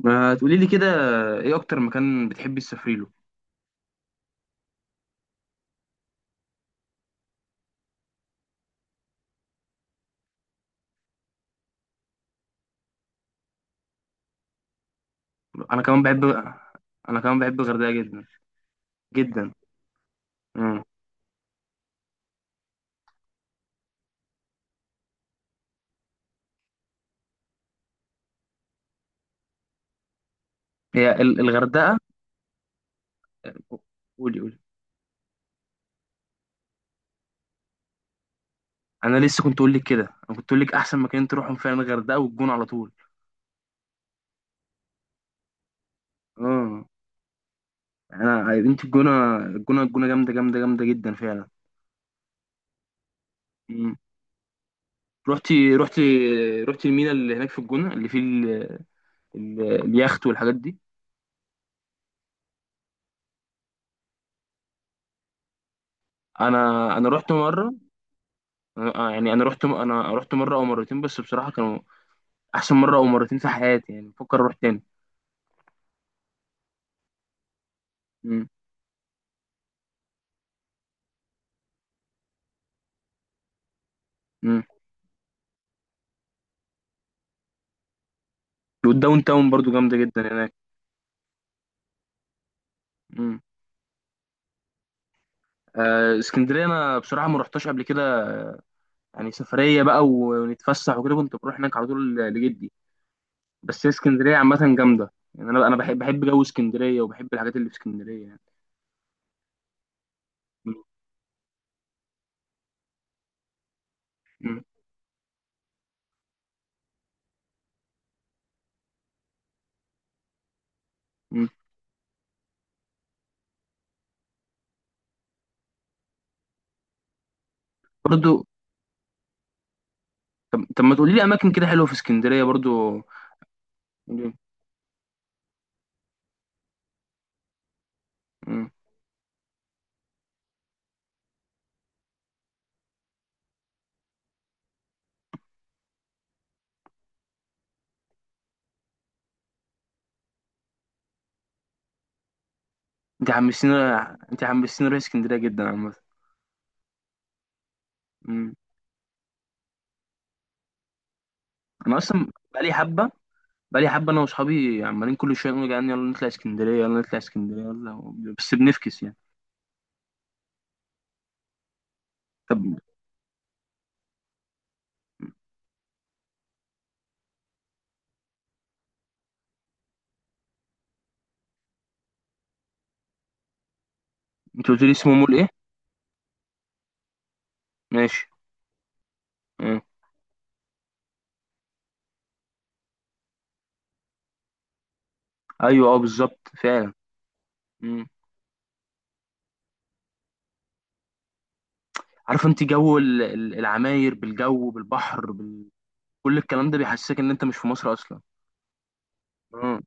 ما تقولي لي كده، ايه اكتر مكان بتحبي تسافري له؟ انا كمان بحب. انا كمان بحب الغردقه جدا جدا. امم هي الغردقه. قولي قولي. انا لسه كنت اقول لك كده. انا كنت اقول لك احسن مكان تروحهم فعلا الغردقه والجونه على طول. اه، انت الجونه الجونه الجونه جامده جامده جامده جدا فعلا. مم. رحتي رحتي؟ رحتي المينا اللي هناك في الجونه اللي فيه اليخت والحاجات دي؟ انا انا رحت مره. يعني انا رحت مره او مرتين، بس بصراحه كانوا احسن مره او مرتين في حياتي، يعني بفكر اروح تاني. امم امم والداون تاون برضو جامده جدا هناك. امم اسكندريه، انا بصراحه ما رحتش قبل كده، يعني سفريه بقى ونتفسح وكده كنت بروح هناك على طول لجدي. بس هي اسكندريه عامه جامده، يعني انا بحب جو اسكندريه، وبحب الحاجات اللي في اسكندريه يعني. مم. مم. مم. برضو. طب ما تقولي لي اماكن كده حلوه في اسكندريه برضو. مم. انت حمسين انت حمسين اروح اسكندريه جدا عامه. مم. انا اصلا بقالي حبه بقالي حبة أنا وأصحابي عمالين كل شوية نقول، يعني يلا نطلع اسكندرية يلا نطلع اسكندرية يلا، بس بنفكس يعني. طب أنت قلت لي اسمه مول إيه؟ ماشي. آه. أيوه، أه بالظبط فعلا. مم. عارف أنت جو العماير، بالجو، بالبحر، كل الكلام ده بيحسسك إن أنت مش في مصر أصلا. مم.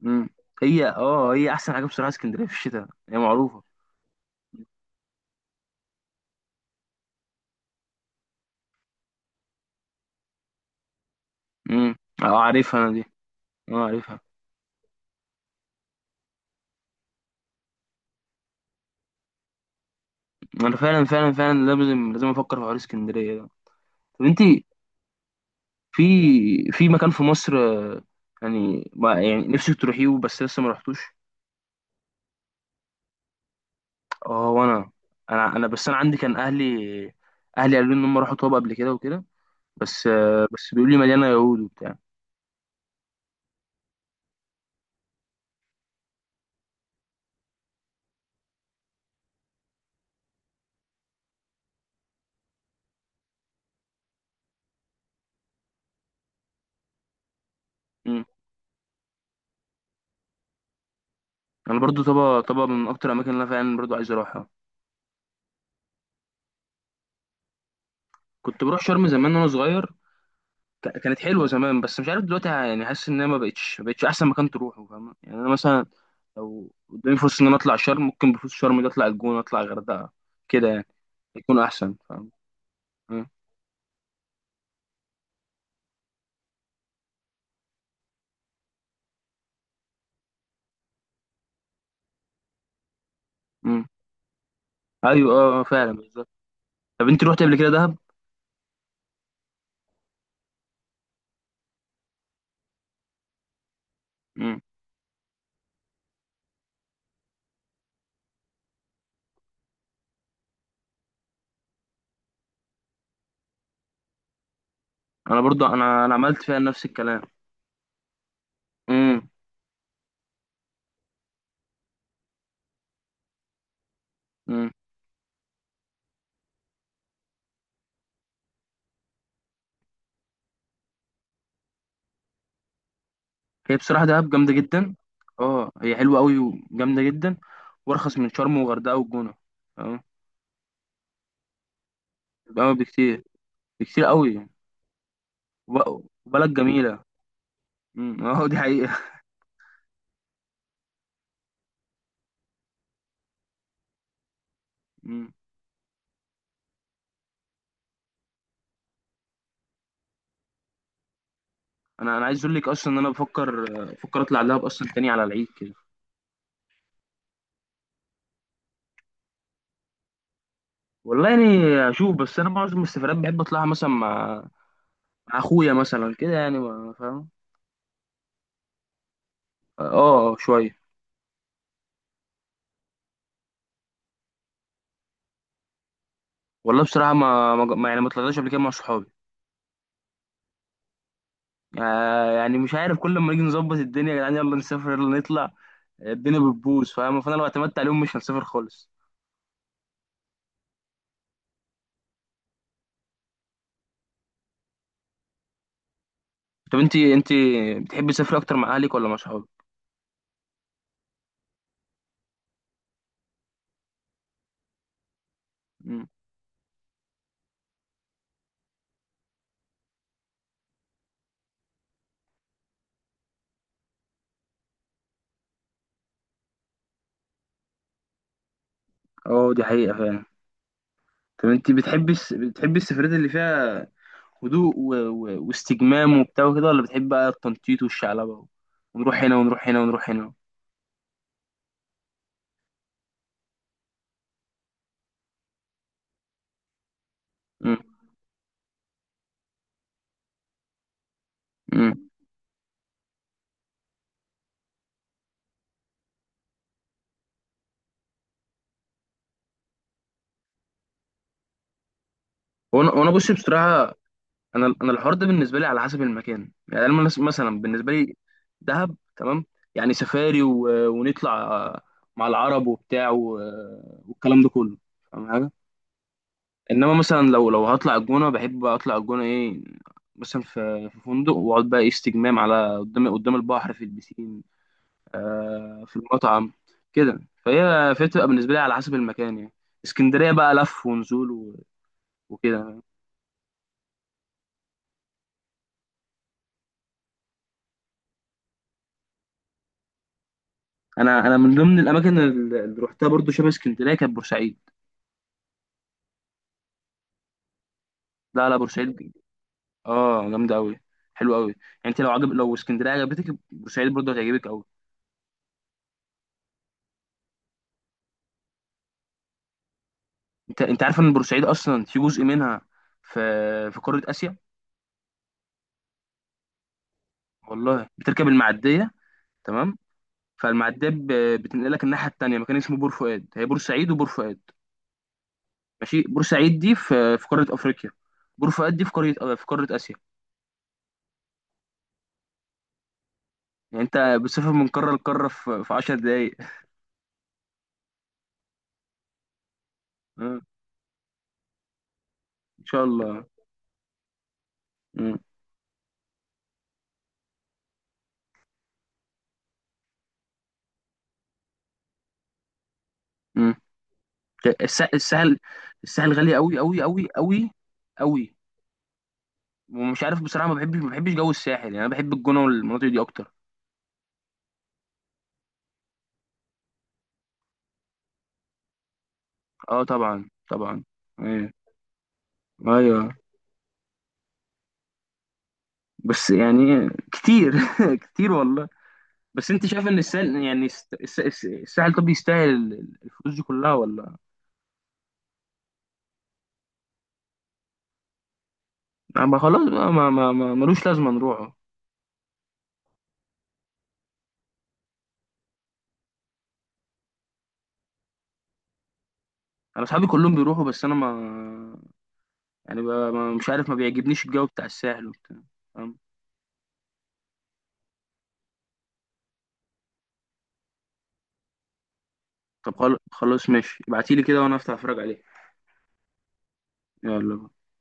مم. هي أحسن حاجة بصراحة، اسكندرية في الشتاء هي معروفة. مم. أه، عارفها أنا دي. أه عارفها. أنا فعلا فعلا فعلا لازم لازم أفكر في حوار اسكندرية ده. طب أنت، في في مكان في مصر، يعني ما يعني نفسك تروحيه بس لسه ما رحتوش؟ اه وانا، انا بس انا عندي كان اهلي قالوا لي ان هم راحوا طابا قبل كده وكده، بس بيقولوا لي مليانه يهود وبتاع. مم. انا برضو طابا طابا من اكتر الاماكن اللي انا فعلا برضو عايز اروحها. كنت بروح شرم زمان وانا صغير. كانت حلوه زمان، بس مش عارف دلوقتي، يعني حاسس ان هي ما بقتش احسن مكان تروحه، فاهم؟ يعني انا مثلا لو قدامي فرصه ان انا اطلع شرم، ممكن بفوت شرم ده اطلع الجونه اطلع الغردقه كده يعني، يكون احسن فاهم. مم. مم. ايوه، اه، فعلا بالظبط. طب انت روحت قبل كده دهب؟ مم. انا برضو انا عملت فيها نفس الكلام. مم. مم. هي بصراحه دهب جامده جدا. اه هي حلوه قوي وجامده جدا، وارخص من شرم وغردقه والجونه. اه. بقى بكتير. بكتير قوي. وبلد جميله. مم. اه دي حقيقه. مم. انا عايز اقول لك اصلا ان انا بفكر اطلع دهب اصلا تاني على العيد كده. والله يعني اشوف، بس انا معظم السفرات بحب اطلعها مثلا مع اخويا مثلا كده، يعني فاهم. اه، شويه. والله بصراحه يعني ما طلعتش قبل كده مع صحابي، يعني مش عارف، كل ما نيجي نظبط الدنيا يا جدعان يلا نسافر يلا نطلع، الدنيا بتبوظ فاهم، فانا لو اعتمدت عليهم مش هنسافر خالص. طب انت بتحبي تسافري اكتر مع اهلك ولا مع صحابك؟ مم. اه دي حقيقه فعلا. طب انت بتحبي السفرات اللي فيها هدوء واستجمام وبتاع وكده، ولا بتحبي بقى التنطيط والشعلبه، ونروح هنا ونروح هنا ونروح هنا؟ مم. مم. وانا بص بصراحه. انا الحوار ده بالنسبه لي على حسب المكان، يعني انا مثلا بالنسبه لي دهب تمام، يعني سفاري ونطلع مع العرب وبتاع والكلام ده كله، فاهم حاجه؟ انما مثلا لو هطلع الجونه، بحب بقى اطلع الجونه ايه، مثلا في فندق واقعد بقى إيه استجمام على قدام البحر في البسين، في المطعم كده، فهي بتبقى بالنسبه لي على حسب المكان يعني. اسكندريه بقى لف ونزول وكده. انا من ضمن الاماكن اللي روحتها برضو شبه اسكندريه كانت بورسعيد. لا لا، بورسعيد. اه جامده قوي، حلو قوي يعني. انت لو اسكندريه عجبتك، بورسعيد برضو هتعجبك قوي. انت عارف ان بورسعيد اصلا في جزء منها، في في قاره اسيا. والله بتركب المعديه. تمام. فالمعديه بتنقلك الناحيه التانيه، مكان اسمه بور فؤاد. هي بورسعيد وبور فؤاد ماشي، بورسعيد دي في قاره افريقيا، بور فؤاد دي في قاره اسيا يعني انت بتسافر من قاره لقاره في 10 دقائق ان شاء الله. مم. الساحل، الساحل غالي قوي قوي قوي قوي قوي، ومش عارف بصراحه ما بحبش جو الساحل، يعني انا بحب الجونه والمناطق دي اكتر. اه طبعا طبعا. ايوه ايوه. بس يعني كتير. كتير والله. بس انت شايف ان الساحل، يعني الساحل طب يستاهل الفلوس دي كلها ولا؟ ما خلاص بقى، ما ما ما ملوش لازمه نروحه. انا اصحابي كلهم بيروحوا، بس انا ما يعني ب- ما مش عارف، ما بيعجبنيش الجو بتاع الساحل وبتاع. طب خلاص ماشي، ابعتيلي كده وانا افتح اتفرج عليه. يلا.